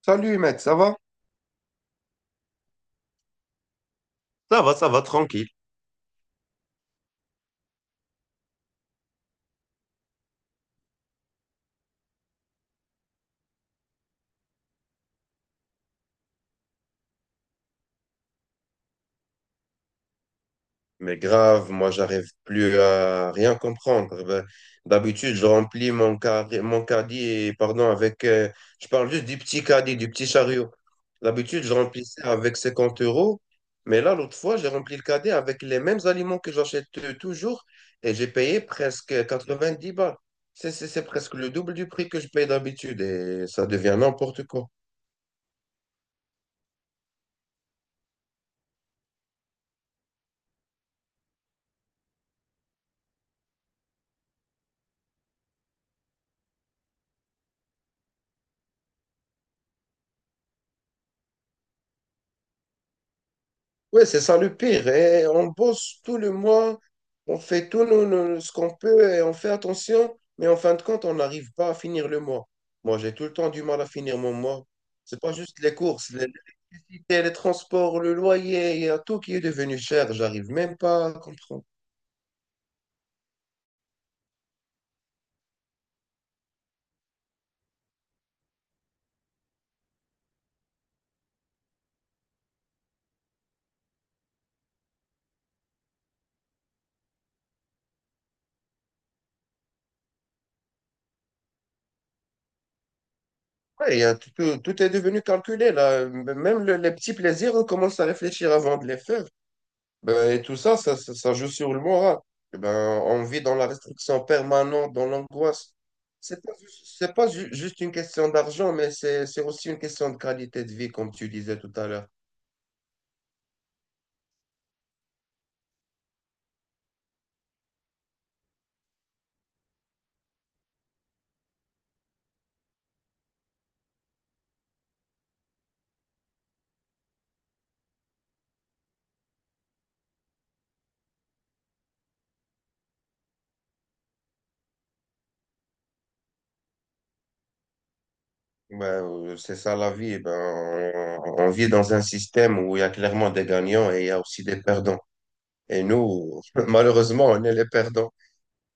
Salut mec, ça va? Ça va, ça va, tranquille. Mais grave, moi j'arrive plus à rien comprendre. D'habitude, je remplis mon caddie, et, pardon, avec. Je parle juste du petit caddie, du petit chariot. D'habitude, je remplissais avec 50 euros, mais là, l'autre fois, j'ai rempli le caddie avec les mêmes aliments que j'achète toujours et j'ai payé presque 90 balles. C'est presque le double du prix que je paye d'habitude et ça devient n'importe quoi. Oui, c'est ça le pire. Et on bosse tout le mois, on fait ce qu'on peut et on fait attention, mais en fin de compte, on n'arrive pas à finir le mois. Moi, j'ai tout le temps du mal à finir mon mois. C'est pas juste les courses, l'électricité, les transports, le loyer, il y a tout qui est devenu cher. J'arrive même pas à comprendre. Ouais, il y a tout, tout est devenu calculé là. Même les petits plaisirs, on commence à réfléchir avant de les faire. Ben, et tout ça, ça joue sur le moral. Et ben, on vit dans la restriction permanente, dans l'angoisse. C'est pas juste une question d'argent, mais c'est aussi une question de qualité de vie, comme tu disais tout à l'heure. Ben, c'est ça la vie. Eh ben, on vit dans un système où il y a clairement des gagnants et il y a aussi des perdants. Et nous, malheureusement, on est les perdants.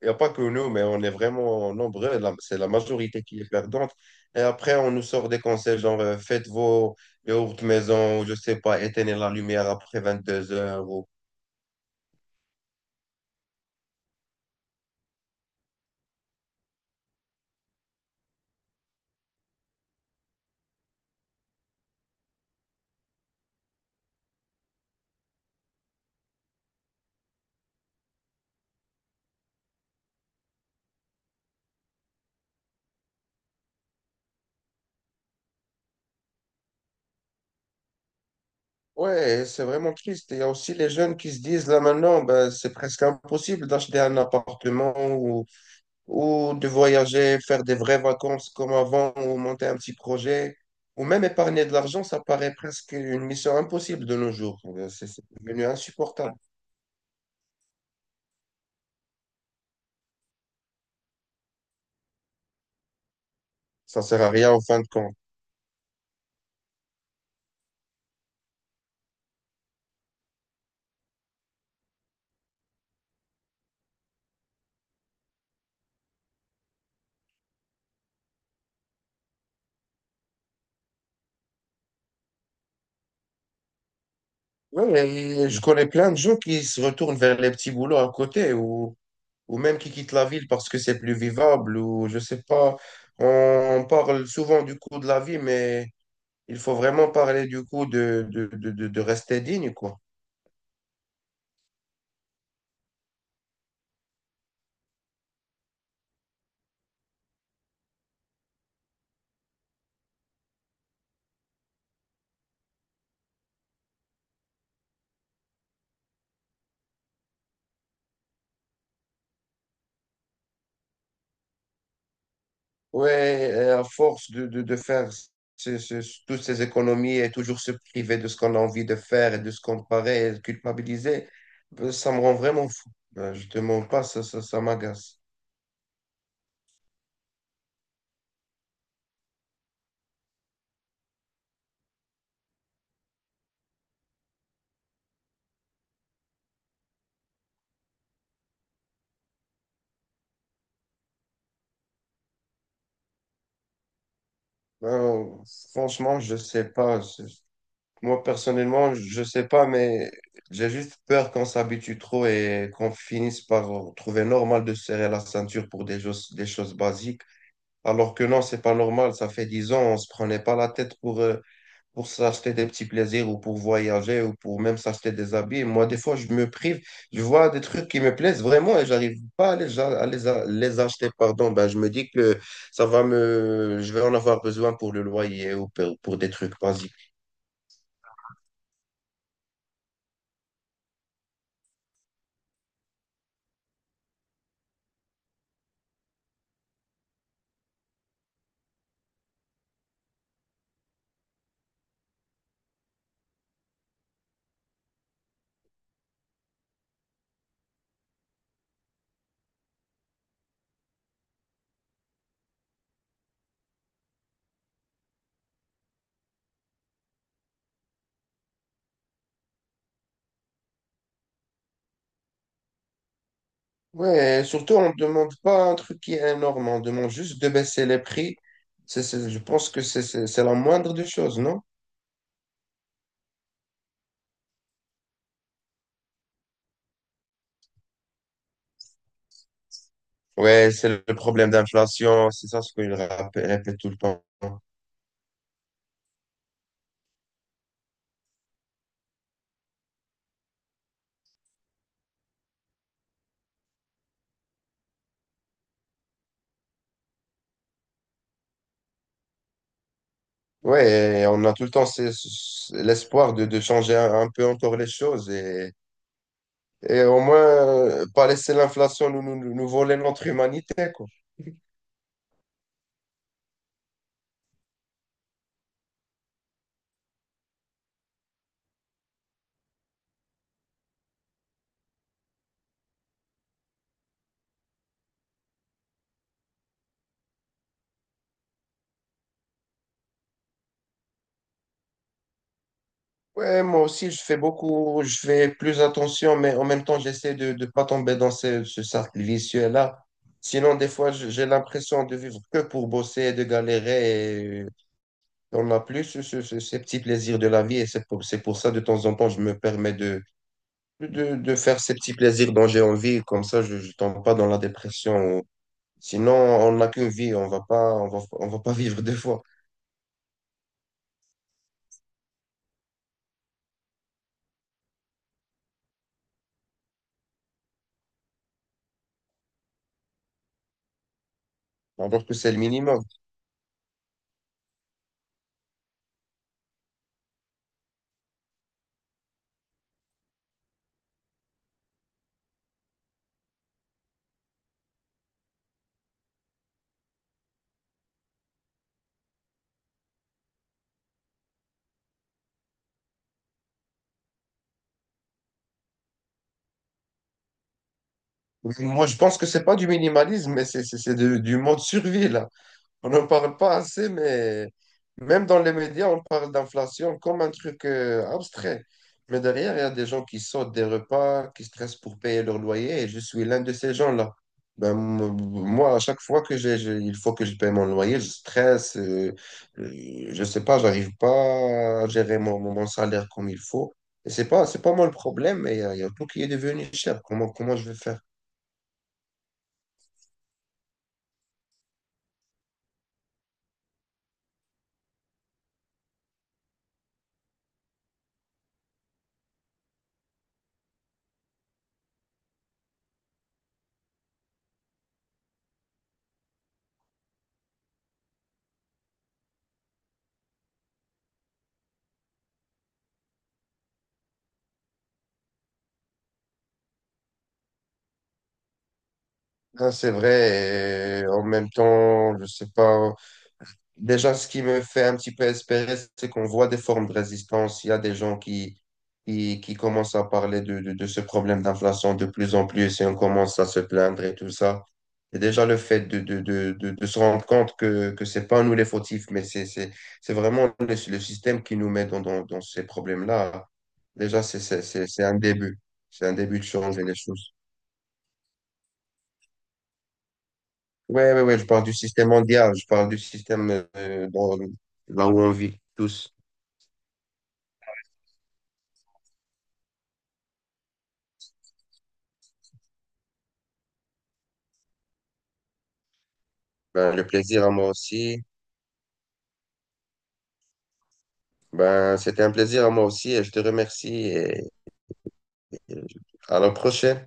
Il n'y a pas que nous, mais on est vraiment nombreux. C'est la majorité qui est perdante. Et après, on nous sort des conseils genre faites vos yaourts maison, ou je sais pas, éteignez la lumière après 22 heures, ou- Ouais, c'est vraiment triste. Et il y a aussi les jeunes qui se disent là maintenant, ben, c'est presque impossible d'acheter un appartement ou de voyager, faire des vraies vacances comme avant, ou monter un petit projet. Ou même épargner de l'argent, ça paraît presque une mission impossible de nos jours. C'est devenu insupportable. Ça sert à rien en fin de compte. Oui, mais je connais plein de gens qui se retournent vers les petits boulots à côté ou même qui quittent la ville parce que c'est plus vivable ou je sais pas. On parle souvent du coût de la vie, mais il faut vraiment parler du coût de rester digne, quoi. Ouais, et à force de faire toutes ces économies et toujours se priver de ce qu'on a envie de faire et de se comparer et de culpabiliser, ben, ça me rend vraiment fou. Ben, je te mens pas, ça m'agace. Euh, franchement, je sais pas. C'est- moi, personnellement, je sais pas, mais j'ai juste peur qu'on s'habitue trop et qu'on finisse par trouver normal de serrer la ceinture pour des choses basiques. Alors que non, c'est pas normal. Ça fait 10 ans, on se prenait pas la tête pour s'acheter des petits plaisirs ou pour voyager ou pour même s'acheter des habits. Moi, des fois, je me prive. Je vois des trucs qui me plaisent vraiment et j'arrive pas à les acheter, pardon. Ben, je me dis que ça va me, je vais en avoir besoin pour le loyer ou pour des trucs basiques. Ouais, et surtout, on ne demande pas un truc qui est énorme. On demande juste de baisser les prix. C'est- je pense que c'est la moindre des choses, non? Ouais, c'est le problème d'inflation. C'est ça ce qu'il rappelle tout le temps. Ouais, et on a tout le temps l'espoir de changer un peu encore les choses et au moins pas laisser l'inflation nous voler notre humanité, quoi. Ouais, moi aussi, je fais plus attention, mais en même temps, j'essaie de ne pas tomber dans ce cercle vicieux-là. Sinon, des fois, je- j'ai l'impression de vivre que pour bosser et de galérer et on n'a plus ces petits plaisirs de la vie et c'est pour ça, de temps en temps, je me permets de faire ces petits plaisirs dont j'ai envie, comme ça je ne tombe pas dans la dépression. Sinon, on n'a qu'une vie, on va pas vivre deux fois, alors que c'est le minimum. Moi, je pense que c'est pas du minimalisme, mais du mode survie, là. On n'en parle pas assez, mais même dans les médias, on parle d'inflation comme un truc abstrait. Mais derrière, il y a des gens qui sautent des repas, qui stressent pour payer leur loyer, et je suis l'un de ces gens-là. Ben, m- moi, à chaque fois que il faut que je paye mon loyer, je stresse, je sais pas, j'arrive pas à gérer mon salaire comme il faut. Et c'est pas moi le problème, mais il y a tout qui est devenu cher. Comment, comment je vais faire? Ah, c'est vrai, et en même temps, je sais pas. Déjà, ce qui me fait un petit peu espérer, c'est qu'on voit des formes de résistance. Il y a des gens qui commencent à parler de ce problème d'inflation de plus en plus et on commence à se plaindre et tout ça. Et déjà, le fait de se rendre compte que c'est pas nous les fautifs, mais c'est vraiment le système qui nous met dans ces problèmes-là. Déjà, c'est un début. C'est un début de changer les choses. Ouais, ouais, ouais, je parle du système mondial, je parle du système dans- là où on vit tous. Ben, le plaisir à moi aussi. Ben, c'était un plaisir à moi aussi et je te remercie et à la prochaine.